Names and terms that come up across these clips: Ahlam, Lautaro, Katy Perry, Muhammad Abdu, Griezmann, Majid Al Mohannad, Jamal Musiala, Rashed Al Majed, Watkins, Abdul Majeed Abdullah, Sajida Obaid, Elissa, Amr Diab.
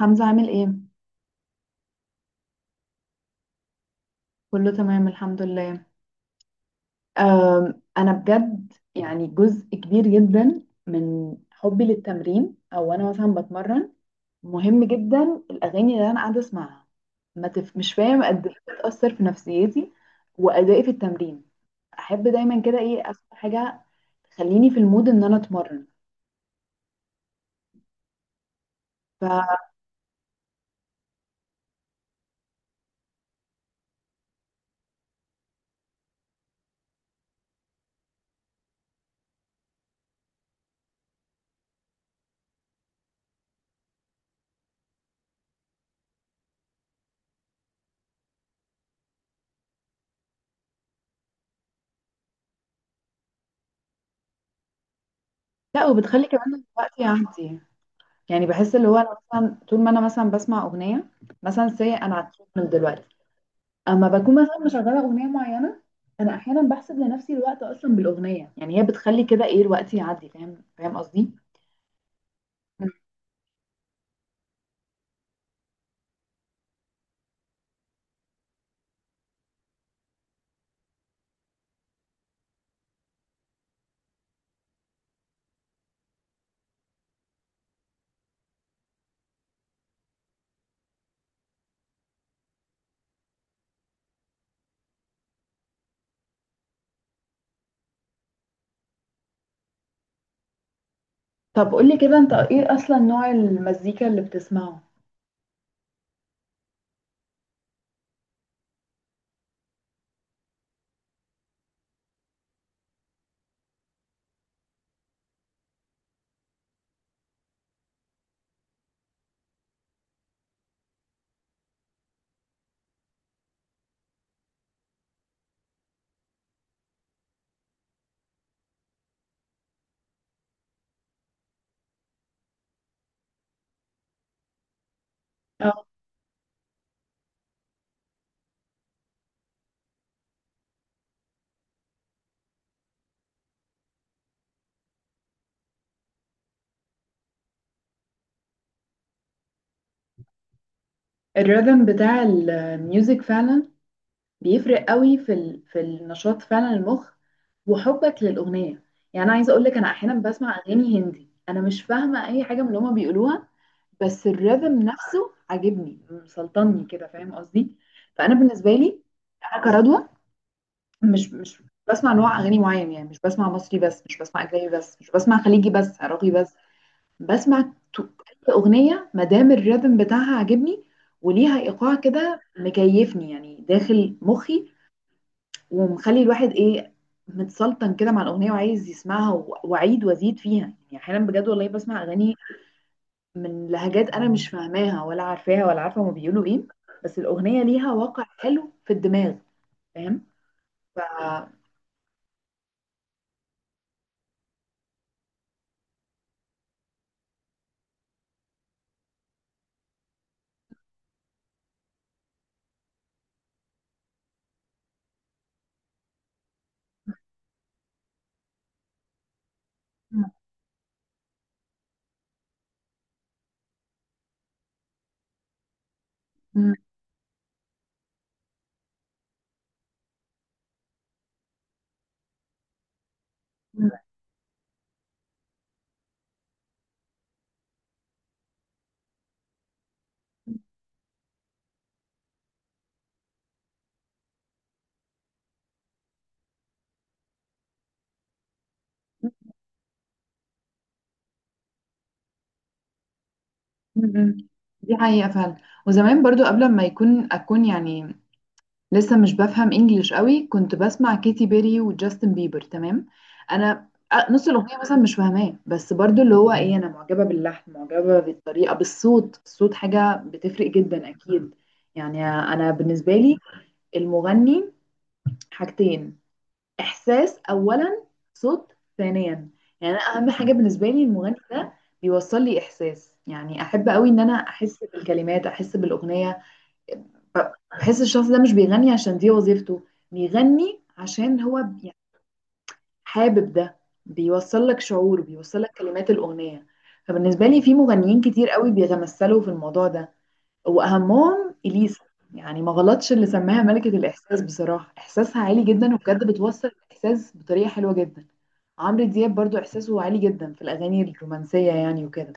حمزة عامل ايه؟ كله تمام الحمد لله. انا بجد يعني جزء كبير جدا من حبي للتمرين او انا مثلا بتمرن، مهم جدا الاغاني اللي انا قاعدة اسمعها. ما تف... مش فاهم قد ايه بتأثر في نفسيتي وادائي في التمرين. احب دايما كده ايه اسمع حاجة تخليني في المود ان انا اتمرن. ف لا، وبتخلي كمان الوقت يعدي. يعني بحس اللي هو انا مثلا طول ما انا مثلا بسمع اغنية، مثلا سي انا على التريدميل دلوقتي، اما بكون مثلا مشغله اغنيه معينه، انا احيانا بحسب لنفسي الوقت اصلا بالاغنيه، يعني هي بتخلي كده ايه الوقت يعدي، فاهم قصدي. مم. طب قولي كده انت ايه اصلا نوع المزيكا اللي بتسمعه. اه الريتم بتاع الميوزك فعلا بيفرق قوي في النشاط فعلا المخ وحبك للاغنيه. يعني انا عايزه اقول لك انا احيانا بسمع اغاني هندي، انا مش فاهمه اي حاجه من اللي هما بيقولوها، بس الريذم نفسه عاجبني مسلطني كده، فاهم قصدي؟ فانا بالنسبه لي انا كردوه، مش بسمع نوع اغاني معين. يعني مش بسمع مصري بس، مش بسمع اجنبي بس، مش بسمع خليجي بس، عراقي بس. بسمع تو- اي اغنيه ما دام الريذم بتاعها عاجبني وليها ايقاع كده مكيفني يعني داخل مخي، ومخلي الواحد ايه متسلطن كده مع الاغنيه وعايز يسمعها واعيد وازيد فيها. يعني احيانا بجد والله بسمع اغاني من لهجات انا مش فاهماها ولا عارفاها ولا عارفه هما بيقولوا ايه، بس الاغنيه ليها وقع حلو في الدماغ، فاهم؟ ف مم. مم. مم. مم. دي حقيقه فعلا. وزمان برضو قبل ما اكون يعني لسه مش بفهم انجليش قوي كنت بسمع كيتي بيري وجاستن بيبر، تمام؟ انا نص الاغنيه مثلا مش فاهماه، بس برضو اللي هو ايه انا معجبه باللحن، معجبه بالطريقه، بالصوت. الصوت حاجه بتفرق جدا اكيد. يعني انا بالنسبه لي المغني حاجتين: احساس اولا، صوت ثانيا. يعني انا اهم حاجه بالنسبه لي المغني ده بيوصل لي احساس، يعني احب قوي ان انا احس بالكلمات، احس بالاغنيه. ب- بحس الشخص ده مش بيغني عشان دي وظيفته، بيغني عشان هو يعني حابب ده، بيوصل لك شعور، بيوصل لك كلمات الاغنيه. فبالنسبه لي في مغنيين كتير قوي بيتمثلوا في الموضوع ده، واهمهم اليسا. يعني ما غلطش اللي سماها ملكة الاحساس، بصراحة احساسها عالي جدا وبجد بتوصل الاحساس بطريقة حلوة جدا. عمرو دياب برضو احساسه عالي جدا في الاغاني الرومانسية يعني وكده،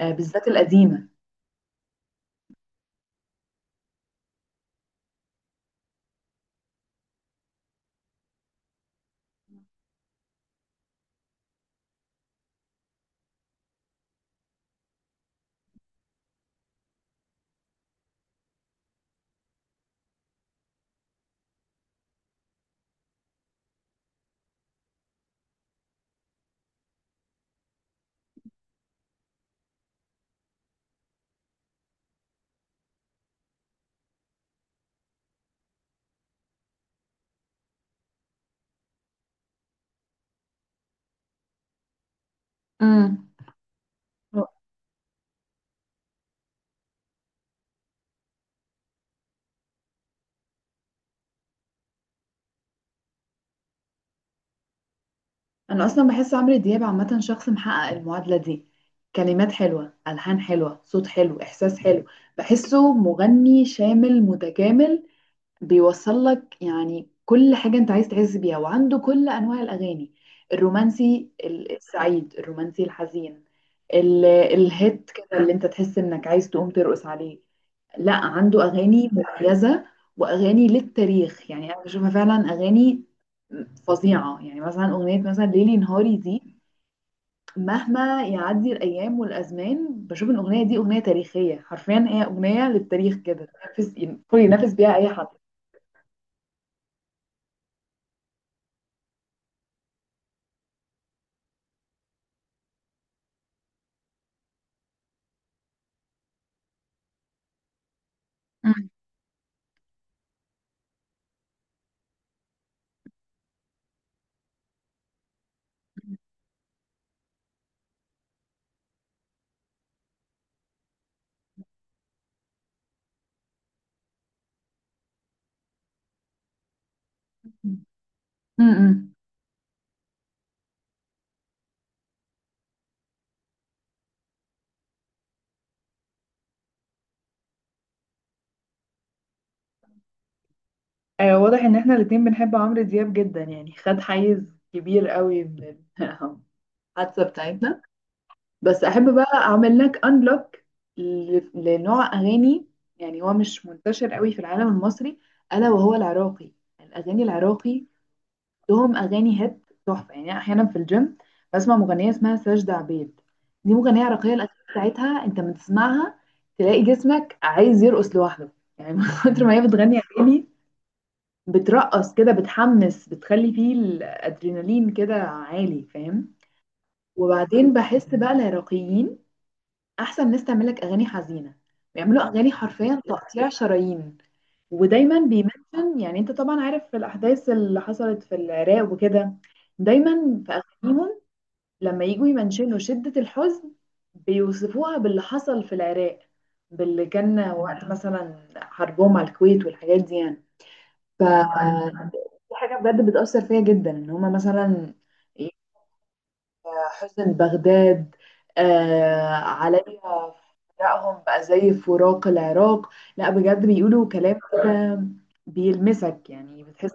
آه بالذات القديمة. امم، انا اصلا بحس عمرو دياب عامه شخص محقق المعادله دي: كلمات حلوه، الحان حلوه، صوت حلو، احساس حلو. بحسه مغني شامل متكامل، بيوصل لك يعني كل حاجة انت عايز تحس بيها، وعنده كل انواع الاغاني: الرومانسي، السعيد، الرومانسي الحزين، الهيت كده اللي انت تحس انك عايز تقوم ترقص عليه. لا عنده اغاني مميزة واغاني للتاريخ، يعني انا بشوفها فعلا اغاني فظيعة. يعني مثلا اغنية مثلا ليلي نهاري دي، مهما يعدي الايام والازمان بشوف ان الاغنية دي اغنية تاريخية، حرفيا هي اغنية للتاريخ كده، تنافس ينفس بيها اي حد. امم، آه واضح ان احنا الاتنين بنحب عمرو دياب جدا، يعني خد حيز كبير قوي من الحادثة بتاعتنا. بس احب بقى اعمل لك انلوك لنوع اغاني يعني هو مش منتشر قوي في العالم المصري، الا وهو العراقي. الاغاني العراقي لهم اغاني هيت تحفة. يعني أنا احيانا في الجيم بسمع مغنية اسمها ساجدة عبيد، دي مغنية عراقية. الاغاني بتاعتها انت من تسمعها تلاقي جسمك عايز يرقص لوحده، يعني من كتر ما هي بتغني اغاني بترقص كده، بتحمس، بتخلي فيه الادرينالين كده عالي، فاهم؟ وبعدين بحس بقى العراقيين احسن ناس تعمل لك اغاني حزينه، بيعملوا اغاني حرفيا تقطيع شرايين. ودايما بيمنشن، يعني انت طبعا عارف في الاحداث اللي حصلت في العراق وكده، دايما في اغانيهم لما يجوا يمنشنوا شده الحزن بيوصفوها باللي حصل في العراق، باللي كان وقت مثلا حربهم على الكويت والحاجات دي يعني. ف دي حاجة بجد بتأثر فيا جدا ان هما مثلا ي- حسن بغداد آه عليا، فراقهم بقى زي فراق العراق. لا بجد بيقولوا كلام كده بيلمسك، يعني بتحس.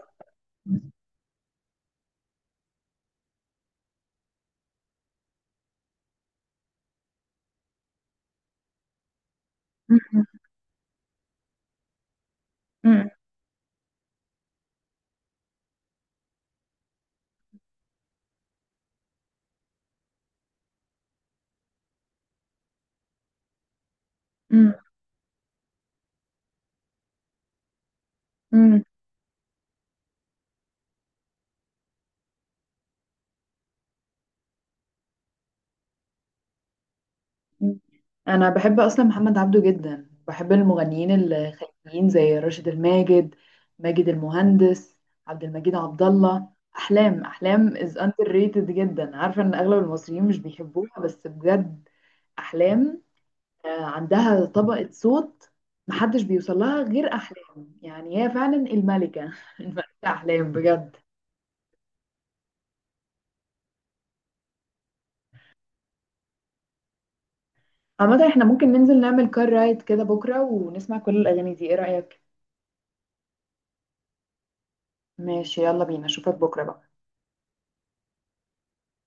مم. مم. مم. مم. انا بحب اصلا محمد عبده جدا، بحب المغنيين الخليجيين زي راشد الماجد، ماجد المهندس، عبد المجيد عبد الله، احلام. احلام is underrated جدا، عارفه ان اغلب المصريين مش بيحبوها بس بجد أحلام آه، عندها طبقة صوت محدش بيوصل لها غير أحلام. يعني هي فعلا الملكة الملكة أحلام بجد. عامة احنا ممكن ننزل نعمل كار رايد كده بكرة ونسمع كل الأغاني دي، ايه رأيك؟ ماشي، يلا بينا، اشوفك بكرة بقى.